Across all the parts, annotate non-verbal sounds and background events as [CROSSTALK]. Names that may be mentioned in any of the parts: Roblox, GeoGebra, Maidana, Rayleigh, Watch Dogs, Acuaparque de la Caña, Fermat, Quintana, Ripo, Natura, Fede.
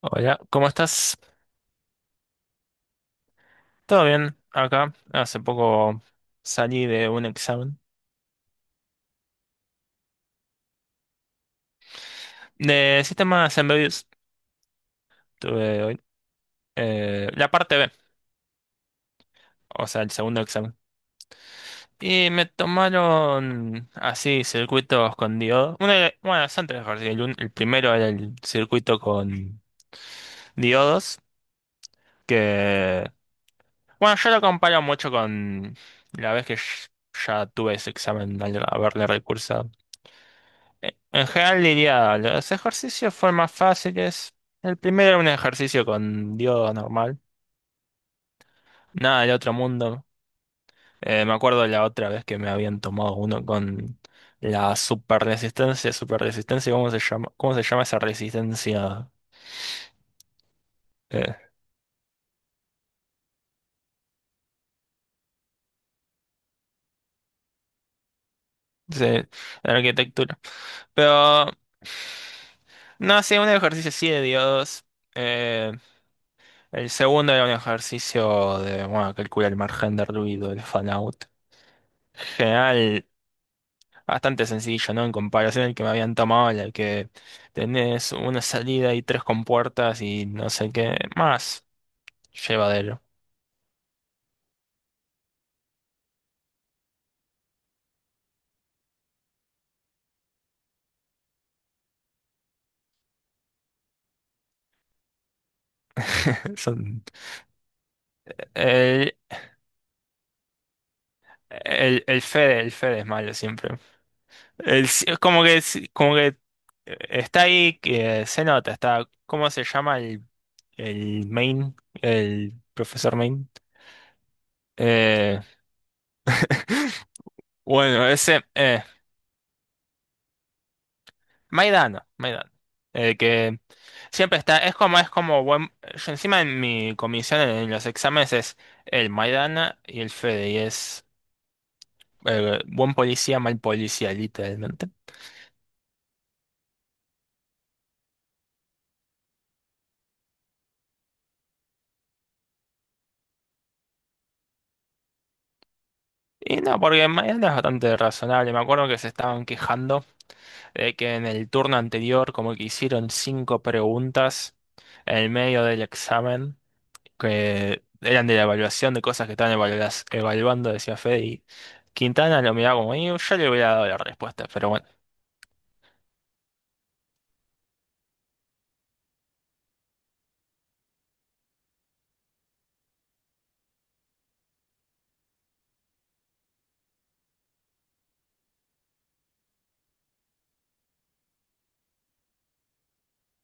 Hola, ¿cómo estás? ¿Todo bien? Acá hace poco salí de un examen de sistemas embebidos. Tuve hoy la parte B, o sea, el segundo examen. Y me tomaron así circuitos con diodos. Uno era- bueno, son tres ejercicios. El, un- el primero era el circuito con diodos, que bueno, yo lo comparo mucho con la vez que sh- ya tuve ese examen al haberle recursado. En general diría, los ejercicios fueron más fáciles. El primero era un ejercicio con yoga normal, nada del otro mundo. Me acuerdo la otra vez que me habían tomado uno con la super resistencia, ¿cómo se llama? ¿Cómo se llama esa resistencia? Eh, de de arquitectura. Pero no, sí, un ejercicio sí de Dios. Eh, el segundo era un ejercicio de, bueno, calcular el margen de ruido, el fan out. Bastante sencillo, ¿no? En comparación al que me habían tomado, en el que tenés una salida y tres compuertas y no sé qué más. Llevadero. [LAUGHS] Son... El, el Fede es malo siempre. Si, es como que está ahí, que se nota, está... ¿Cómo se llama el main? El profesor main. Eh, [LAUGHS] bueno, ese... Maidano, Maidano. Siempre está, es como buen, yo encima en mi comisión en los exámenes es el Maidana y el Fede, y es buen policía, mal policía, literalmente. Y no, porque Maidana es bastante razonable. Me acuerdo que se estaban quejando de que en el turno anterior como que hicieron cinco preguntas en el medio del examen que eran de la evaluación de cosas que estaban evaluando, decía Fede, y Quintana lo miraba como, "Y yo le hubiera dado la respuesta, pero bueno,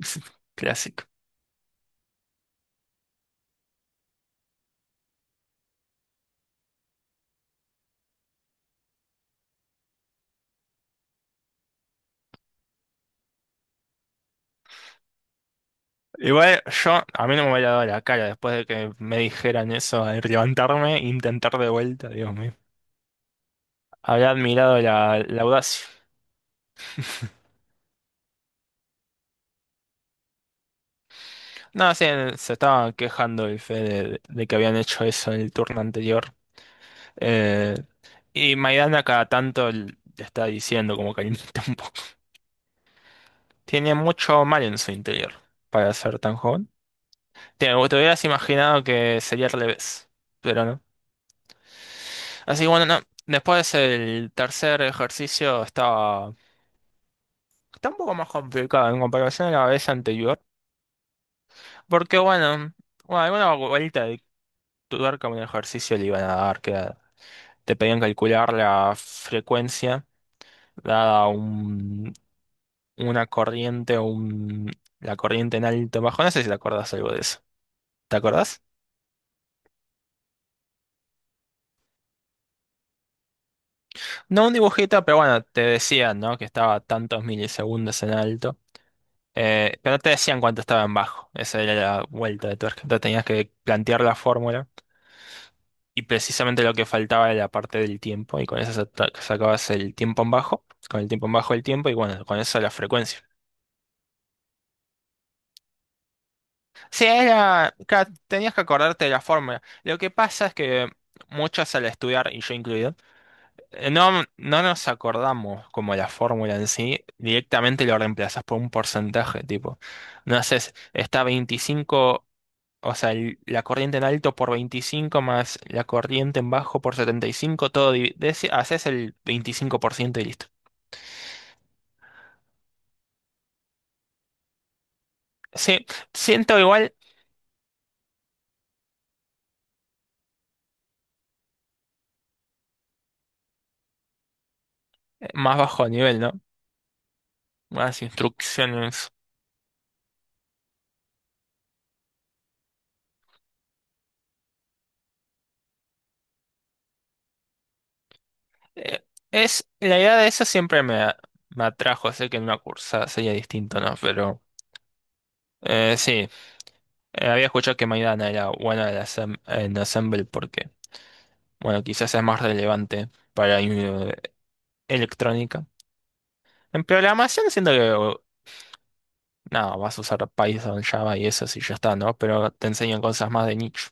[LAUGHS] clásico". Igual yo, a mí no me hubiera dado la cara después de que me dijeran eso, de levantarme, e intentar de vuelta, Dios mío. Había admirado la, la audacia. No, sí, se estaba quejando el Fede de que habían hecho eso en el turno anterior. Eh, y Maidana cada tanto le está diciendo como que [LAUGHS] un poco. Tiene mucho mal en su interior para ser tan joven. Te hubieras imaginado que sería al revés, pero no. Así que bueno, no. Después el tercer ejercicio estaba. Está un poco más complicado en comparación a la vez anterior, porque bueno, bueno, alguna vuelta de tuerca, un ejercicio le iban a dar, que era- te pedían calcular la frecuencia dada un, una corriente, un, la corriente en alto bajo, no sé si te acordás algo de eso. ¿Te acordás? No un dibujito, pero bueno, te decían, ¿no? Que estaba tantos milisegundos en alto, pero no te decían cuánto estaba en bajo, esa era la vuelta de tuerca, entonces tenías que plantear la fórmula. Y precisamente lo que faltaba era la parte del tiempo, y con eso sacabas el tiempo en bajo, con el tiempo en bajo el tiempo, y bueno, con eso la frecuencia. Sí, era, tenías que acordarte de la fórmula. Lo que pasa es que muchos al estudiar, y yo incluido, no nos acordamos como la fórmula en sí, directamente lo reemplazas por un porcentaje, tipo, no sé, está 25. O sea, el- la corriente en alto por 25 más la corriente en bajo por 75, todo de ese- haces el 25% y listo. Sí, siento igual más bajo nivel, ¿no? Más instrucciones. Eh, es, la idea de eso siempre me atrajo, sé que en una cursa sería distinto, ¿no? Pero sí, había escuchado que Maidana era buena en, en Assemble porque, bueno, quizás es más relevante para electrónica. En programación siento que nada, vas a usar Python, Java y eso si ya está, ¿no? Pero te enseñan cosas más de nicho.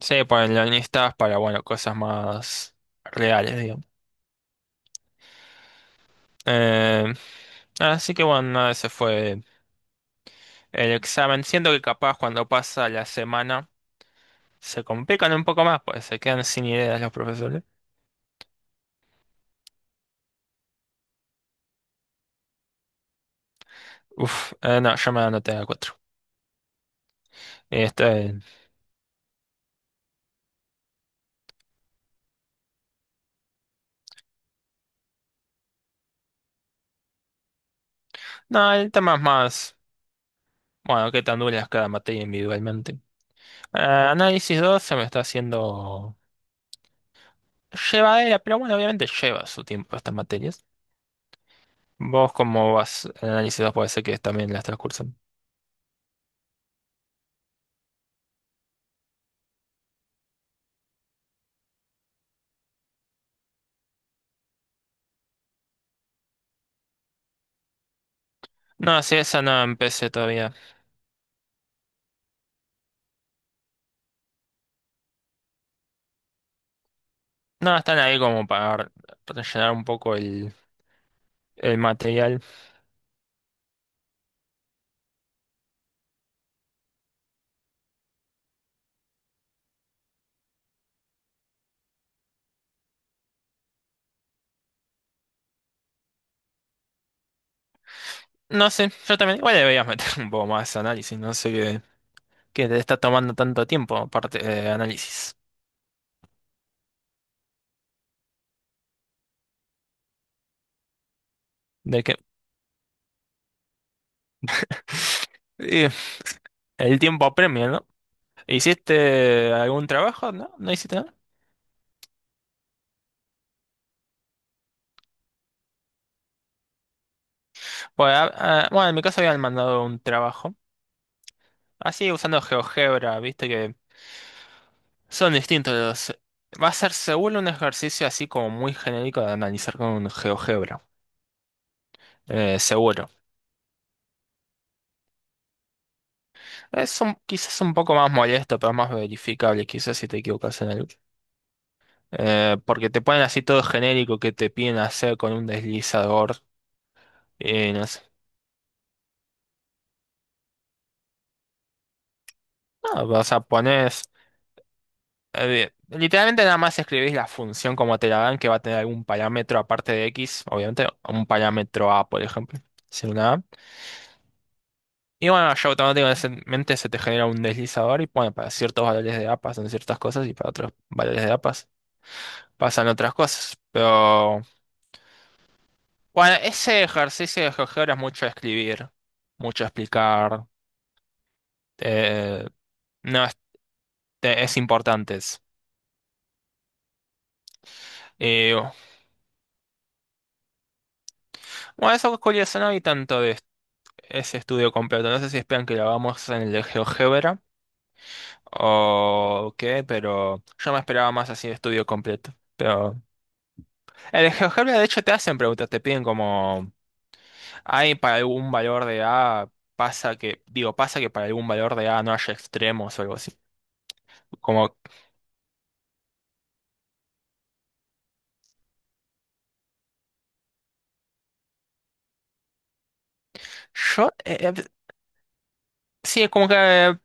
Sí, ponen listas para, bueno, cosas más reales, digamos. Eh, así que bueno, nada, ese fue el examen. Siento que capaz cuando pasa la semana se complican un poco más, pues se quedan sin ideas los profesores. Uf, no, yo me anoté a cuatro. Este, no, el tema es más, bueno, qué tan dura es cada materia individualmente. Análisis 2 se me está haciendo. Lleva era, pero bueno, obviamente lleva su tiempo estas materias. ¿Vos cómo vas en análisis 2? Puede ser que también las transcursan. No, sí, esa no empecé todavía. No, están ahí como para rellenar un poco el material. No sé, yo también, igual deberías meter [LAUGHS] un poco más de análisis, no sé qué, qué te está tomando tanto tiempo, aparte de análisis. De que [LAUGHS] y el tiempo apremia, ¿no? ¿Hiciste algún trabajo? ¿No? ¿No hiciste nada? Bueno, ah, ah, bueno, en mi caso habían mandado un trabajo así usando GeoGebra, viste que son distintos los... Va a ser seguro un ejercicio así como muy genérico de analizar con GeoGebra. Seguro. Es un- quizás un poco más molesto, pero más verificable, quizás si te equivocas en algo. Porque te ponen así todo genérico que te piden hacer con un deslizador. Y no sé. No, vas a poner... literalmente nada más escribís la función como te la dan, que va a tener algún parámetro aparte de X, obviamente, un parámetro A, por ejemplo. Si una A. Y bueno, ya automáticamente se te genera un deslizador y bueno, para ciertos valores de A pasan ciertas cosas y para otros valores de A pasan otras cosas. Pero bueno, ese ejercicio de GeoGebra es mucho escribir, mucho explicar. eh, no, es, es importante. Es. Y, bueno, eso es curioso, no hay tanto de ese estudio completo. No sé si esperan que lo hagamos en el de GeoGebra o qué, pero yo me esperaba más así de estudio completo. Pero el de GeoGebra de hecho te hacen preguntas, te piden como... Hay para algún valor de A, pasa que, digo, pasa que para algún valor de A no haya extremos o algo así. Como, yo, sí, es como que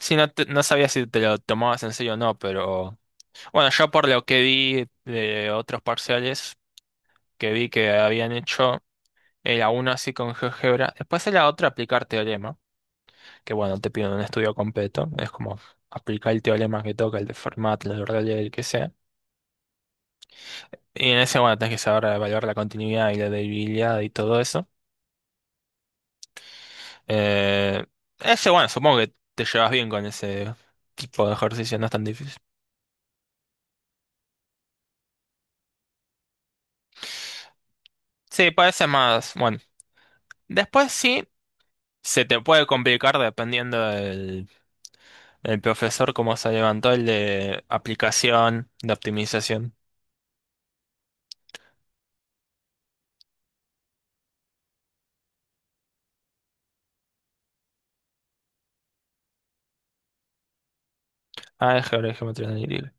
si no, no sabía si te lo tomabas en serio o no, pero bueno, yo por lo que vi de otros parciales que vi que habían hecho, era uno así con GeoGebra, después era otro aplicar teorema, que bueno, te piden un estudio completo, es como aplicar el teorema que toca, el de Fermat, el de Rayleigh, el que sea. Y en ese, bueno, tenés que saber evaluar la continuidad y la debilidad y todo eso. Eh, ese, bueno, supongo que te llevas bien con ese tipo de ejercicio, no es tan difícil. Sí, parece más, bueno. Después sí, se te puede complicar dependiendo del, del profesor, cómo se levantó el de aplicación, de optimización. Álgebra y geometría analítica.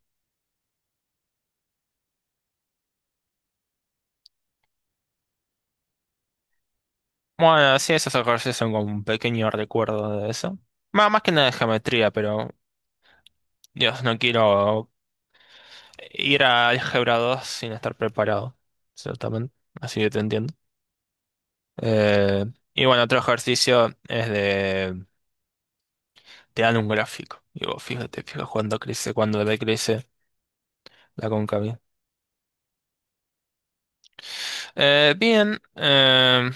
Bueno, sí, esos ejercicios son como un pequeño recuerdo de eso. Más, más que nada de geometría, pero Dios, no quiero ir a álgebra 2 sin estar preparado. Exactamente. Así que te entiendo. Eh, y bueno, otro ejercicio es de... Te dan un gráfico. Y vos fíjate, fíjate cuándo crece, cuándo decrece la cóncava. Bien,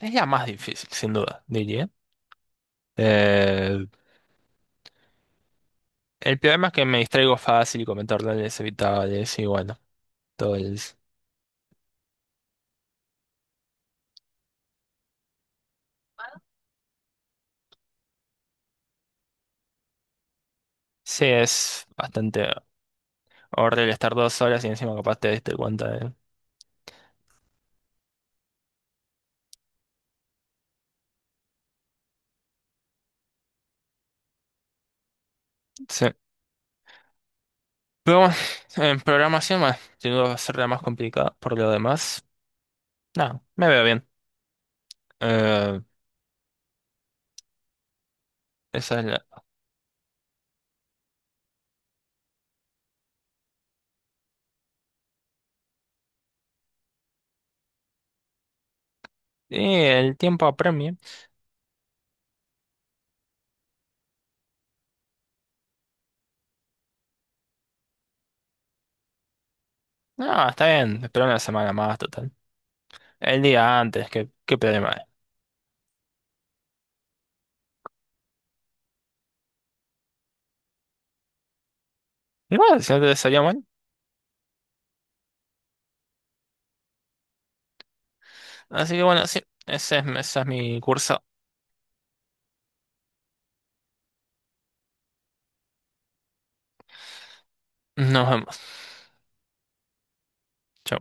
es la más difícil, sin duda, diría. Eh, el problema es que me distraigo fácil y comento órdenes evitables y bueno, todo el... Sí, es bastante horrible estar 2 horas y encima capaz te diste cuenta de... Sí. Pero bueno, en programación, bueno, sin duda va a ser la más complicada. Por lo demás, nada, me veo bien. Eh, Esa es la... Y el tiempo apremia. No, está bien, espera una semana más, total. El día antes, qué, qué problema hay. Igual, si no te salió mal. Así que bueno, sí, ese es mi curso. Nos vemos. Chau.